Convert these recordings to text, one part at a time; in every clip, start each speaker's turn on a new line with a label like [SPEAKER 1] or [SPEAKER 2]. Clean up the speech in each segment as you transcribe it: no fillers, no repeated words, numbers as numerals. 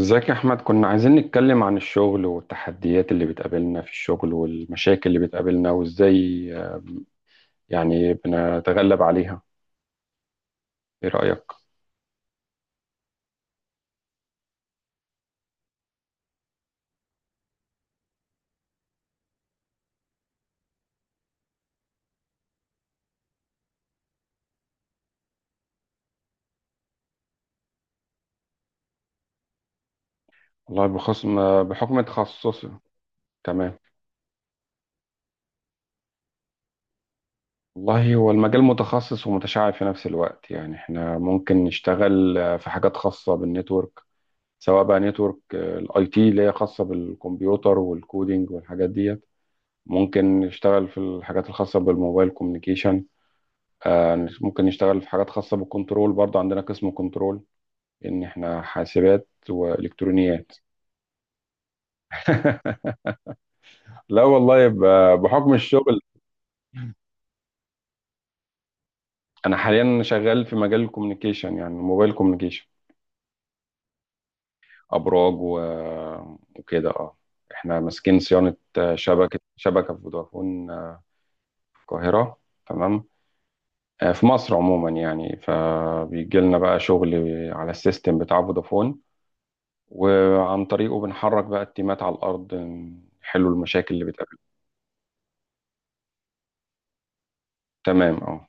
[SPEAKER 1] ازيك يا احمد؟ كنا عايزين نتكلم عن الشغل والتحديات اللي بتقابلنا في الشغل والمشاكل اللي بتقابلنا وازاي يعني بنتغلب عليها، ايه رأيك؟ والله بخص... بحكم تخصصي. تمام. والله هو المجال متخصص ومتشعب في نفس الوقت، يعني احنا ممكن نشتغل في حاجات خاصة بالنتورك، سواء بقى نتورك الاي تي اللي هي خاصة بالكمبيوتر والكودينج والحاجات ديت. ممكن نشتغل في الحاجات الخاصة بالموبايل كوميونيكيشن. ممكن نشتغل في حاجات خاصة بالكنترول برضه، عندنا قسم كنترول، إن إحنا حاسبات وإلكترونيات. لا والله يبقى بحكم الشغل. أنا حاليا شغال في مجال الكوميونيكيشن، يعني موبايل كوميونيكيشن. أبراج و... وكده إحنا ماسكين صيانة، شبكة فودافون في القاهرة. تمام. في مصر عموما يعني، فبيجي لنا بقى شغل على السيستم بتاع فودافون، وعن طريقه بنحرك بقى التيمات على الأرض نحلوا المشاكل اللي بتقابل. تمام اه.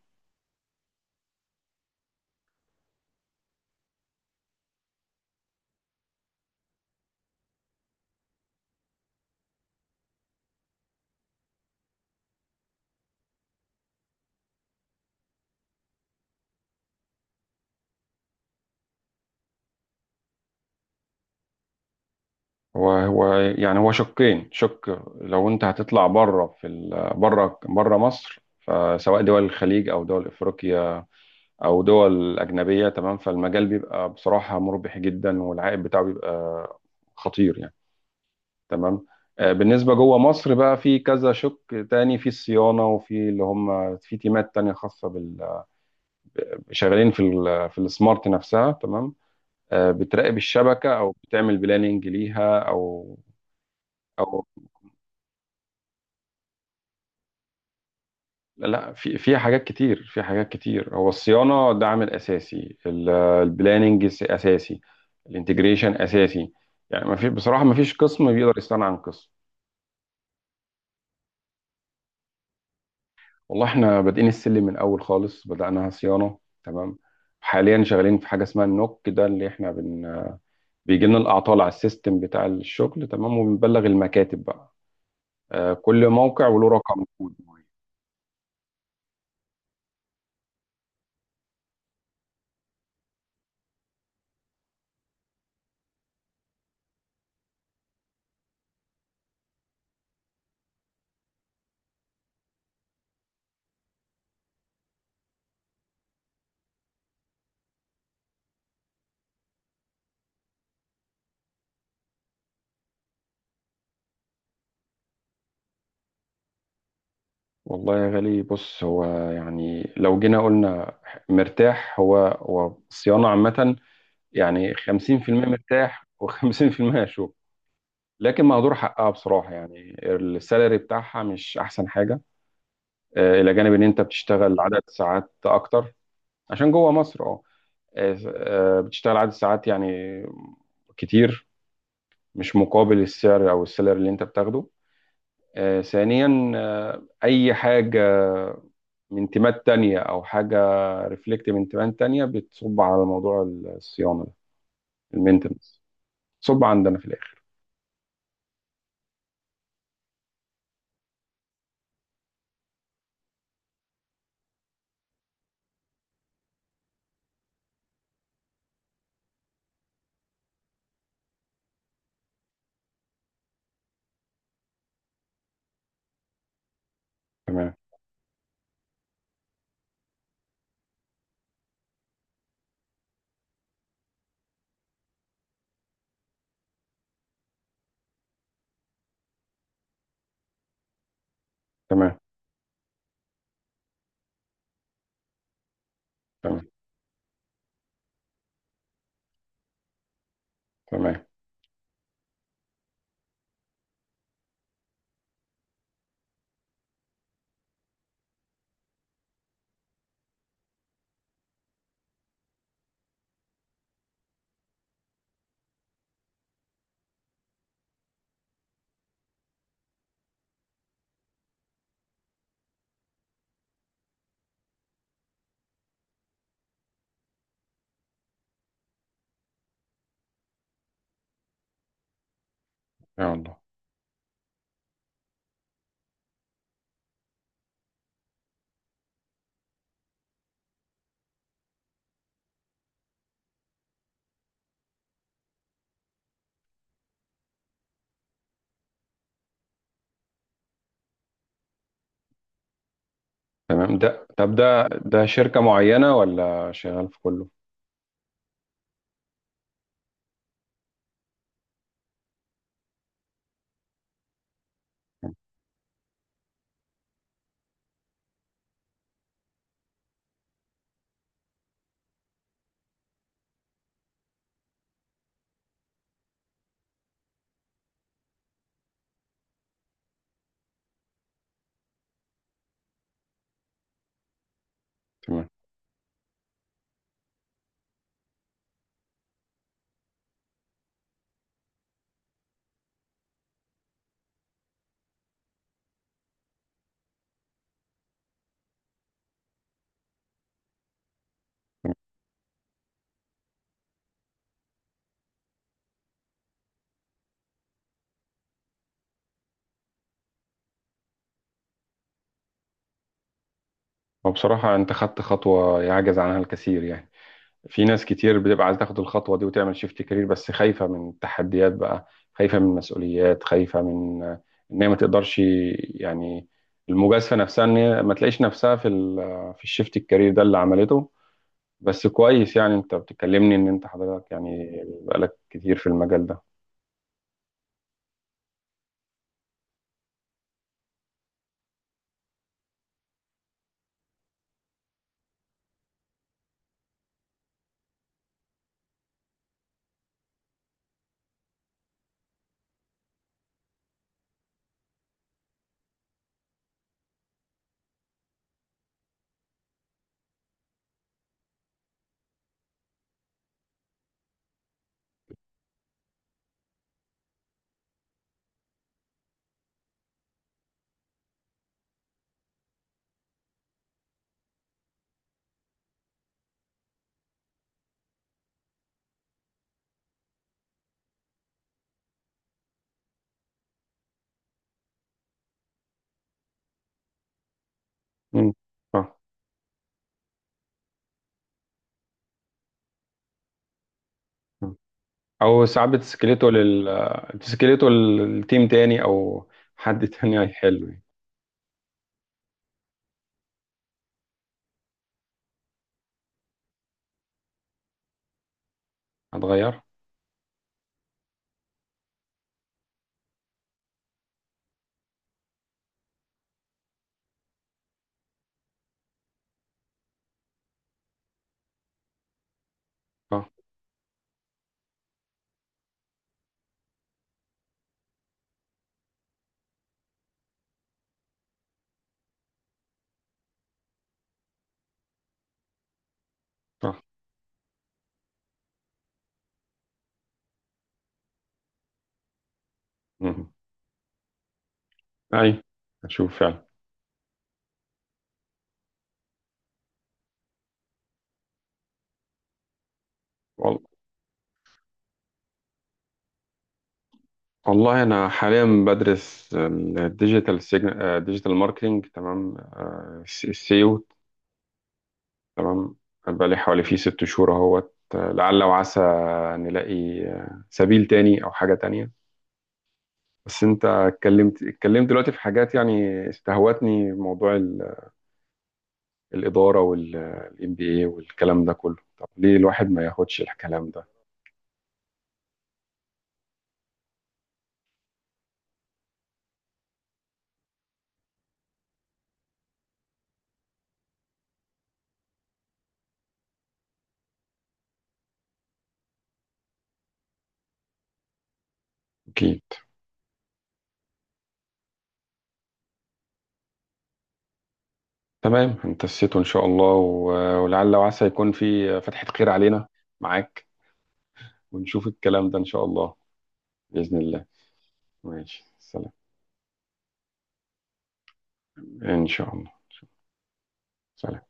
[SPEAKER 1] هو يعني، هو شقين. شق لو انت هتطلع بره في بره مصر، فسواء دول الخليج او دول افريقيا او دول اجنبيه، تمام، فالمجال بيبقى بصراحه مربح جدا والعائد بتاعه بيبقى خطير يعني. تمام. بالنسبه جوه مصر بقى في كذا شق تاني، في الصيانه وفي اللي هم في تيمات تانيه خاصه شغالين في السمارت نفسها. تمام. بتراقب الشبكه او بتعمل بلاننج ليها او. لا، لا، فيها حاجات كتير. في حاجات كتير، هو الصيانه ده عامل اساسي، البلاننج اساسي، الانتجريشن اساسي. يعني ما في بصراحه ما فيش قسم بيقدر يستغنى عن قسم. والله احنا بادئين السلم من اول خالص، بدأناها صيانه تمام. حاليا شغالين في حاجه اسمها النوك، ده اللي احنا بن بيجي لنا الاعطال على السيستم بتاع الشغل، تمام، وبنبلغ المكاتب بقى. كل موقع وله رقم كود معين. والله يا غالي بص، هو يعني لو جينا قلنا مرتاح، هو الصيانة عامة يعني 50% مرتاح و50% شغل. لكن مهدور حقها بصراحة، يعني السالري بتاعها مش أحسن حاجة. إلى جانب إن أنت بتشتغل عدد ساعات أكتر، عشان جوه مصر أه. آه، بتشتغل عدد ساعات يعني كتير، مش مقابل السعر أو السالري اللي أنت بتاخده. ثانيا، اي حاجه من تيمات تانية او حاجه ريفلكت من تيمات تانية بتصب على موضوع الصيانه ده، المينتنس، تصب عندنا في الاخر. تمام، تمام، تمام، تمام. يا الله. تمام. ده طب ده شركه معينه ولا شغال في كله؟ تمام، تمام. هو بصراحه انت خدت خطوه يعجز عنها الكثير، يعني في ناس كتير بتبقى عايزة تاخد الخطوة دي وتعمل شيفت كارير، بس خايفة من التحديات بقى، خايفة من المسؤوليات، خايفة من إن هي ما تقدرش يعني، المجازفة نفسها إن هي ما تلاقيش نفسها في الشيفت الكارير ده اللي عملته. بس كويس، يعني أنت بتكلمني إن أنت حضرتك يعني بقالك كتير في المجال ده. مم. آه. مم. أو ساعات بتسكليته لل آه، بتسكليته للتيم تاني، أو حد تاني هيحله يعني. هتغير؟ آه. آه. مم. أي. هشوف فعلا. والله، والله أنا حاليا بدرس ديجيتال ماركتينج، تمام. السيو، تمام. بقالي حوالي فيه 6 شهور أهوت، لعل وعسى نلاقي سبيل تاني أو حاجة تانية. بس أنت اتكلمت دلوقتي في حاجات يعني استهوتني. موضوع الإدارة والإم بي إيه والكلام ده كله، طب ليه الواحد ما ياخدش الكلام ده؟ أكيد. تمام انت السيتو إن شاء الله، ولعل وعسى يكون في فتحة خير علينا معاك، ونشوف الكلام ده إن شاء الله. بإذن الله. ماشي، سلام. إن شاء الله. سلام.